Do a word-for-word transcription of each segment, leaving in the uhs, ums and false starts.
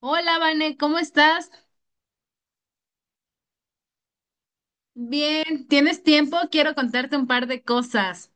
Hola, Vane, ¿cómo estás? Bien, ¿tienes tiempo? Quiero contarte un par de cosas.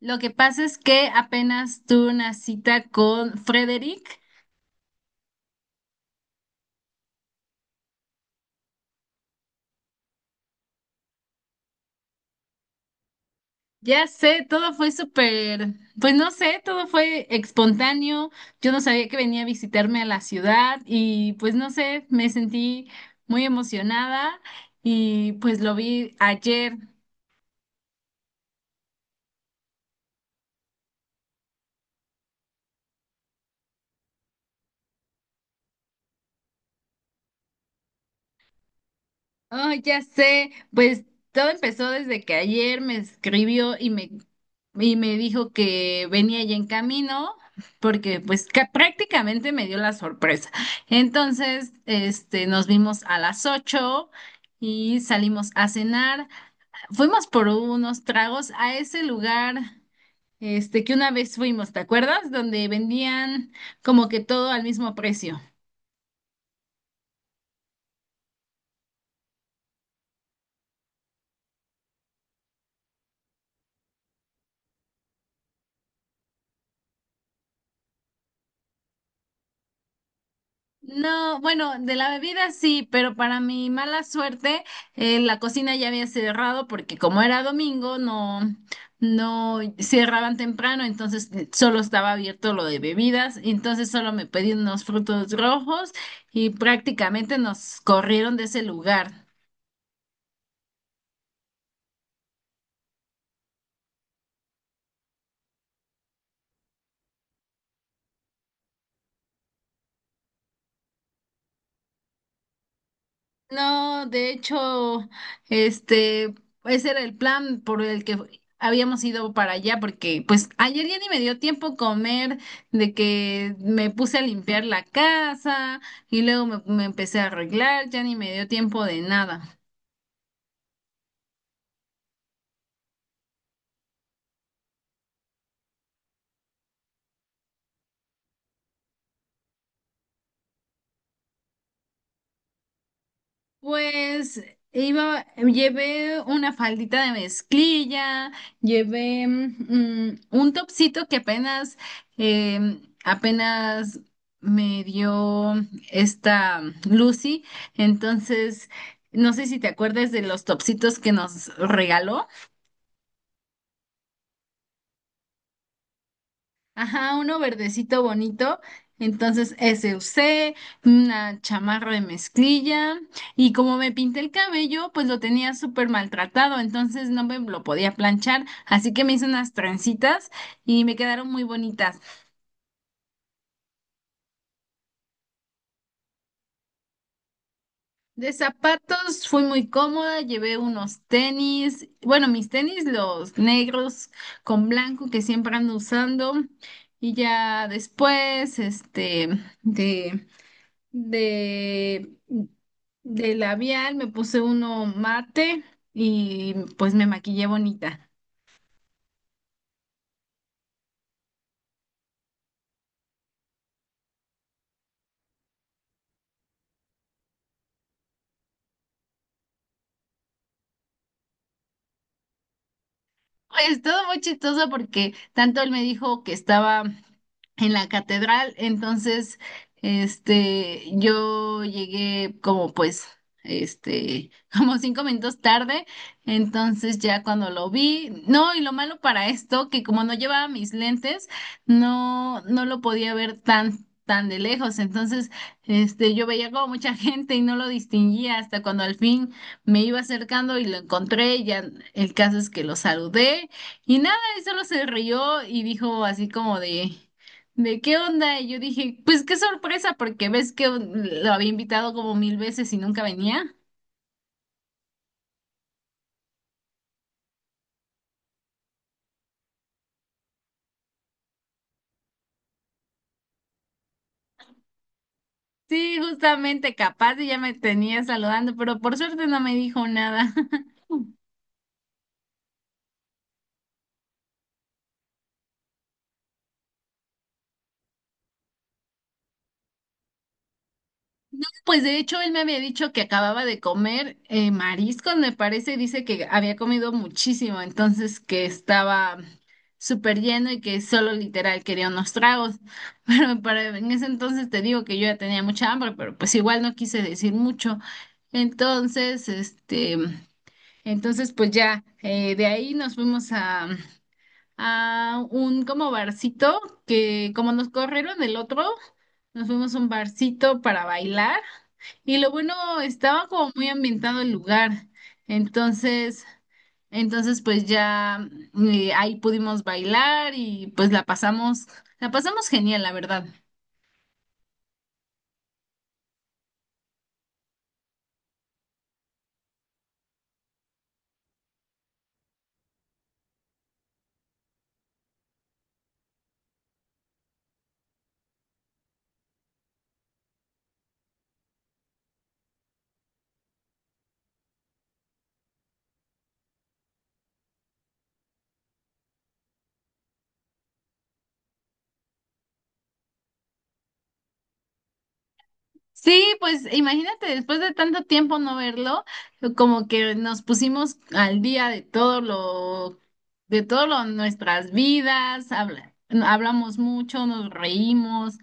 Lo que pasa es que apenas tuve una cita con Frederick. Ya sé, todo fue súper, pues no sé, todo fue espontáneo. Yo no sabía que venía a visitarme a la ciudad y pues no sé, me sentí muy emocionada y pues lo vi ayer. Oh, ya sé, pues todo empezó desde que ayer me escribió y me, y me dijo que venía ya en camino, porque pues ca- prácticamente me dio la sorpresa. Entonces, este, nos vimos a las ocho y salimos a cenar. Fuimos por unos tragos a ese lugar, este, que una vez fuimos, ¿te acuerdas? Donde vendían como que todo al mismo precio. No, bueno, de la bebida sí, pero para mi mala suerte, eh, la cocina ya había cerrado porque como era domingo, no, no cerraban temprano, entonces eh, solo estaba abierto lo de bebidas, entonces solo me pedí unos frutos rojos y prácticamente nos corrieron de ese lugar. No, de hecho, este, ese era el plan por el que habíamos ido para allá, porque pues ayer ya ni me dio tiempo comer, de que me puse a limpiar la casa y luego me, me empecé a arreglar, ya ni me dio tiempo de nada. Pues iba, em, llevé una faldita de mezclilla, llevé mm, un topsito que apenas, eh, apenas me dio esta Lucy. Entonces, no sé si te acuerdas de los topsitos que nos regaló. Ajá, uno verdecito bonito. Entonces ese usé, una chamarra de mezclilla y como me pinté el cabello, pues lo tenía súper maltratado, entonces no me lo podía planchar, así que me hice unas trencitas y me quedaron muy bonitas. De zapatos fui muy cómoda, llevé unos tenis, bueno, mis tenis los negros con blanco que siempre ando usando y ya después, este, de... de, de labial, me puse uno mate y pues me maquillé bonita. Es todo muy chistoso porque tanto él me dijo que estaba en la catedral, entonces, este, yo llegué como pues, este, como cinco minutos tarde, entonces ya cuando lo vi, no, y lo malo para esto, que como no llevaba mis lentes, no, no lo podía ver tan, tan de lejos, entonces, este, yo veía como mucha gente y no lo distinguía hasta cuando al fin me iba acercando y lo encontré, ya el caso es que lo saludé y nada, y solo se rió y dijo así como de, ¿de qué onda? Y yo dije, pues qué sorpresa, porque ves que lo había invitado como mil veces y nunca venía. Sí, justamente capaz y ya me tenía saludando, pero por suerte no me dijo nada. Pues de hecho, él me había dicho que acababa de comer eh, mariscos, me parece, dice que había comido muchísimo, entonces que estaba súper lleno y que solo literal quería unos tragos. Pero para, en ese entonces te digo que yo ya tenía mucha hambre, pero pues igual no quise decir mucho. Entonces, este, entonces pues ya eh, de ahí nos fuimos a, a un como barcito que como nos corrieron el otro, nos fuimos a un barcito para bailar y lo bueno estaba como muy ambientado el lugar. Entonces, entonces pues ya eh, ahí pudimos bailar y pues la pasamos, la pasamos genial, la verdad. Sí, pues imagínate, después de tanto tiempo no verlo, como que nos pusimos al día de todo lo, de todo lo, nuestras vidas, habla- no, hablamos mucho, nos reímos,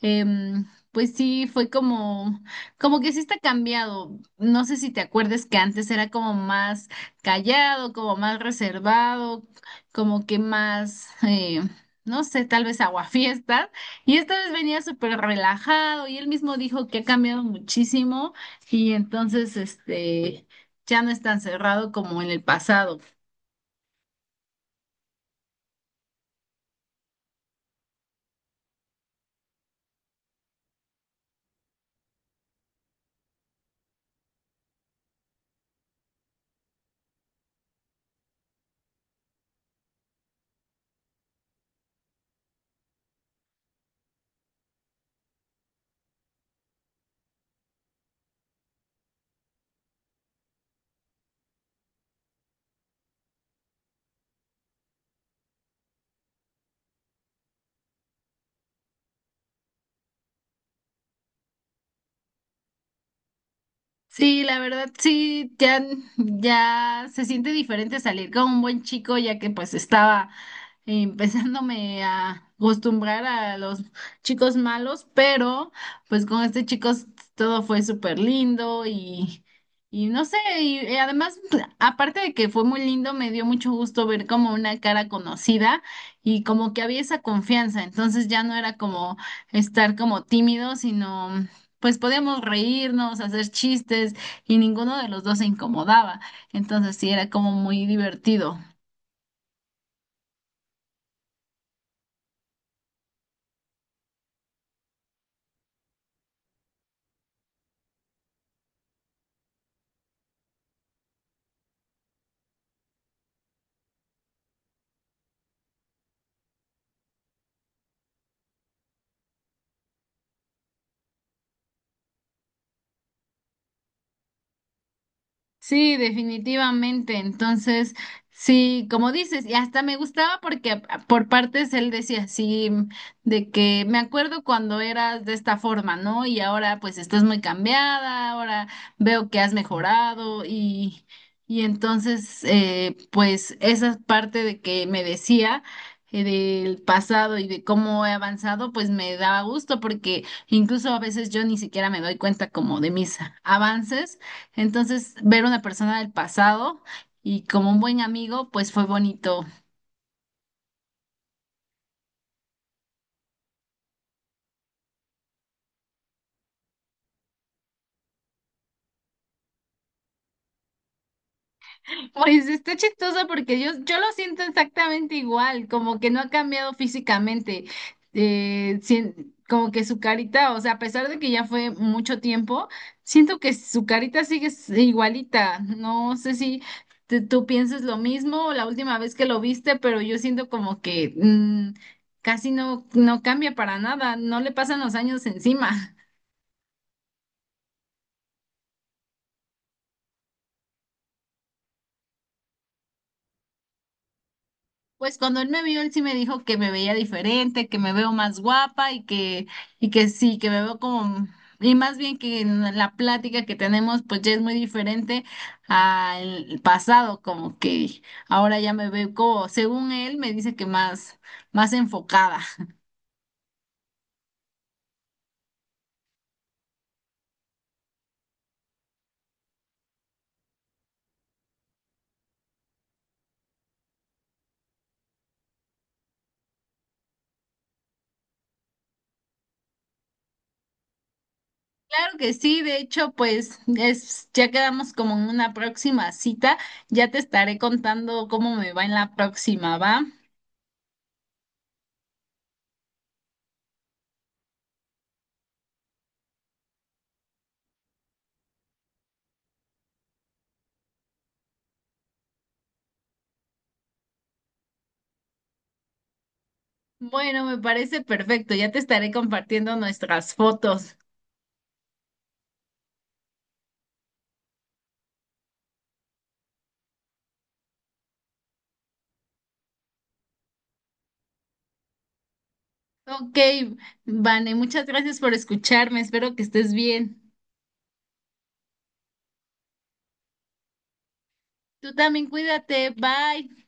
em, pues sí, fue como, como que sí está cambiado. No sé si te acuerdes que antes era como más callado, como más reservado, como que más, eh, no sé, tal vez aguafiestas. Y esta vez venía súper relajado y él mismo dijo que ha cambiado muchísimo y entonces este ya no es tan cerrado como en el pasado. Sí, la verdad, sí, ya, ya se siente diferente salir con un buen chico ya que pues estaba eh, empezándome a acostumbrar a los chicos malos, pero pues con este chico todo fue súper lindo y, y no sé, y, y además, aparte de que fue muy lindo, me dio mucho gusto ver como una cara conocida y como que había esa confianza, entonces ya no era como estar como tímido, sino pues podíamos reírnos, hacer chistes y ninguno de los dos se incomodaba, entonces sí era como muy divertido. Sí, definitivamente. Entonces, sí, como dices, y hasta me gustaba porque a- a- por partes él decía así, de que me acuerdo cuando eras de esta forma, ¿no? Y ahora pues estás muy cambiada, ahora veo que has mejorado y, y entonces, eh, pues esa parte de que me decía eh, del pasado y de cómo he avanzado, pues me daba gusto porque incluso a veces yo ni siquiera me doy cuenta como de mis avances entonces, ver una persona del pasado y como un buen amigo, pues fue bonito. Pues está chistoso porque yo, yo lo siento exactamente igual, como que no ha cambiado físicamente. Eh, sien- como que su carita, o sea, a pesar de que ya fue mucho tiempo, siento que su carita sigue s- igualita. No sé si te- tú piensas lo mismo la última vez que lo viste, pero yo siento como que mm, casi no, no cambia para nada, no le pasan los años encima. Pues cuando él me vio, él sí me dijo que me veía diferente, que me veo más guapa y que, y que sí, que me veo como, y más bien que en la plática que tenemos, pues ya es muy diferente al pasado, como que ahora ya me veo como, según él, me dice que más, más enfocada. Claro que sí, de hecho, pues es, ya quedamos como en una próxima cita, ya te estaré contando cómo me va en la próxima, ¿va? Bueno, me parece perfecto. Ya te estaré compartiendo nuestras fotos. Ok, Vane, muchas gracias por escucharme. Espero que estés bien. Tú también cuídate. Bye.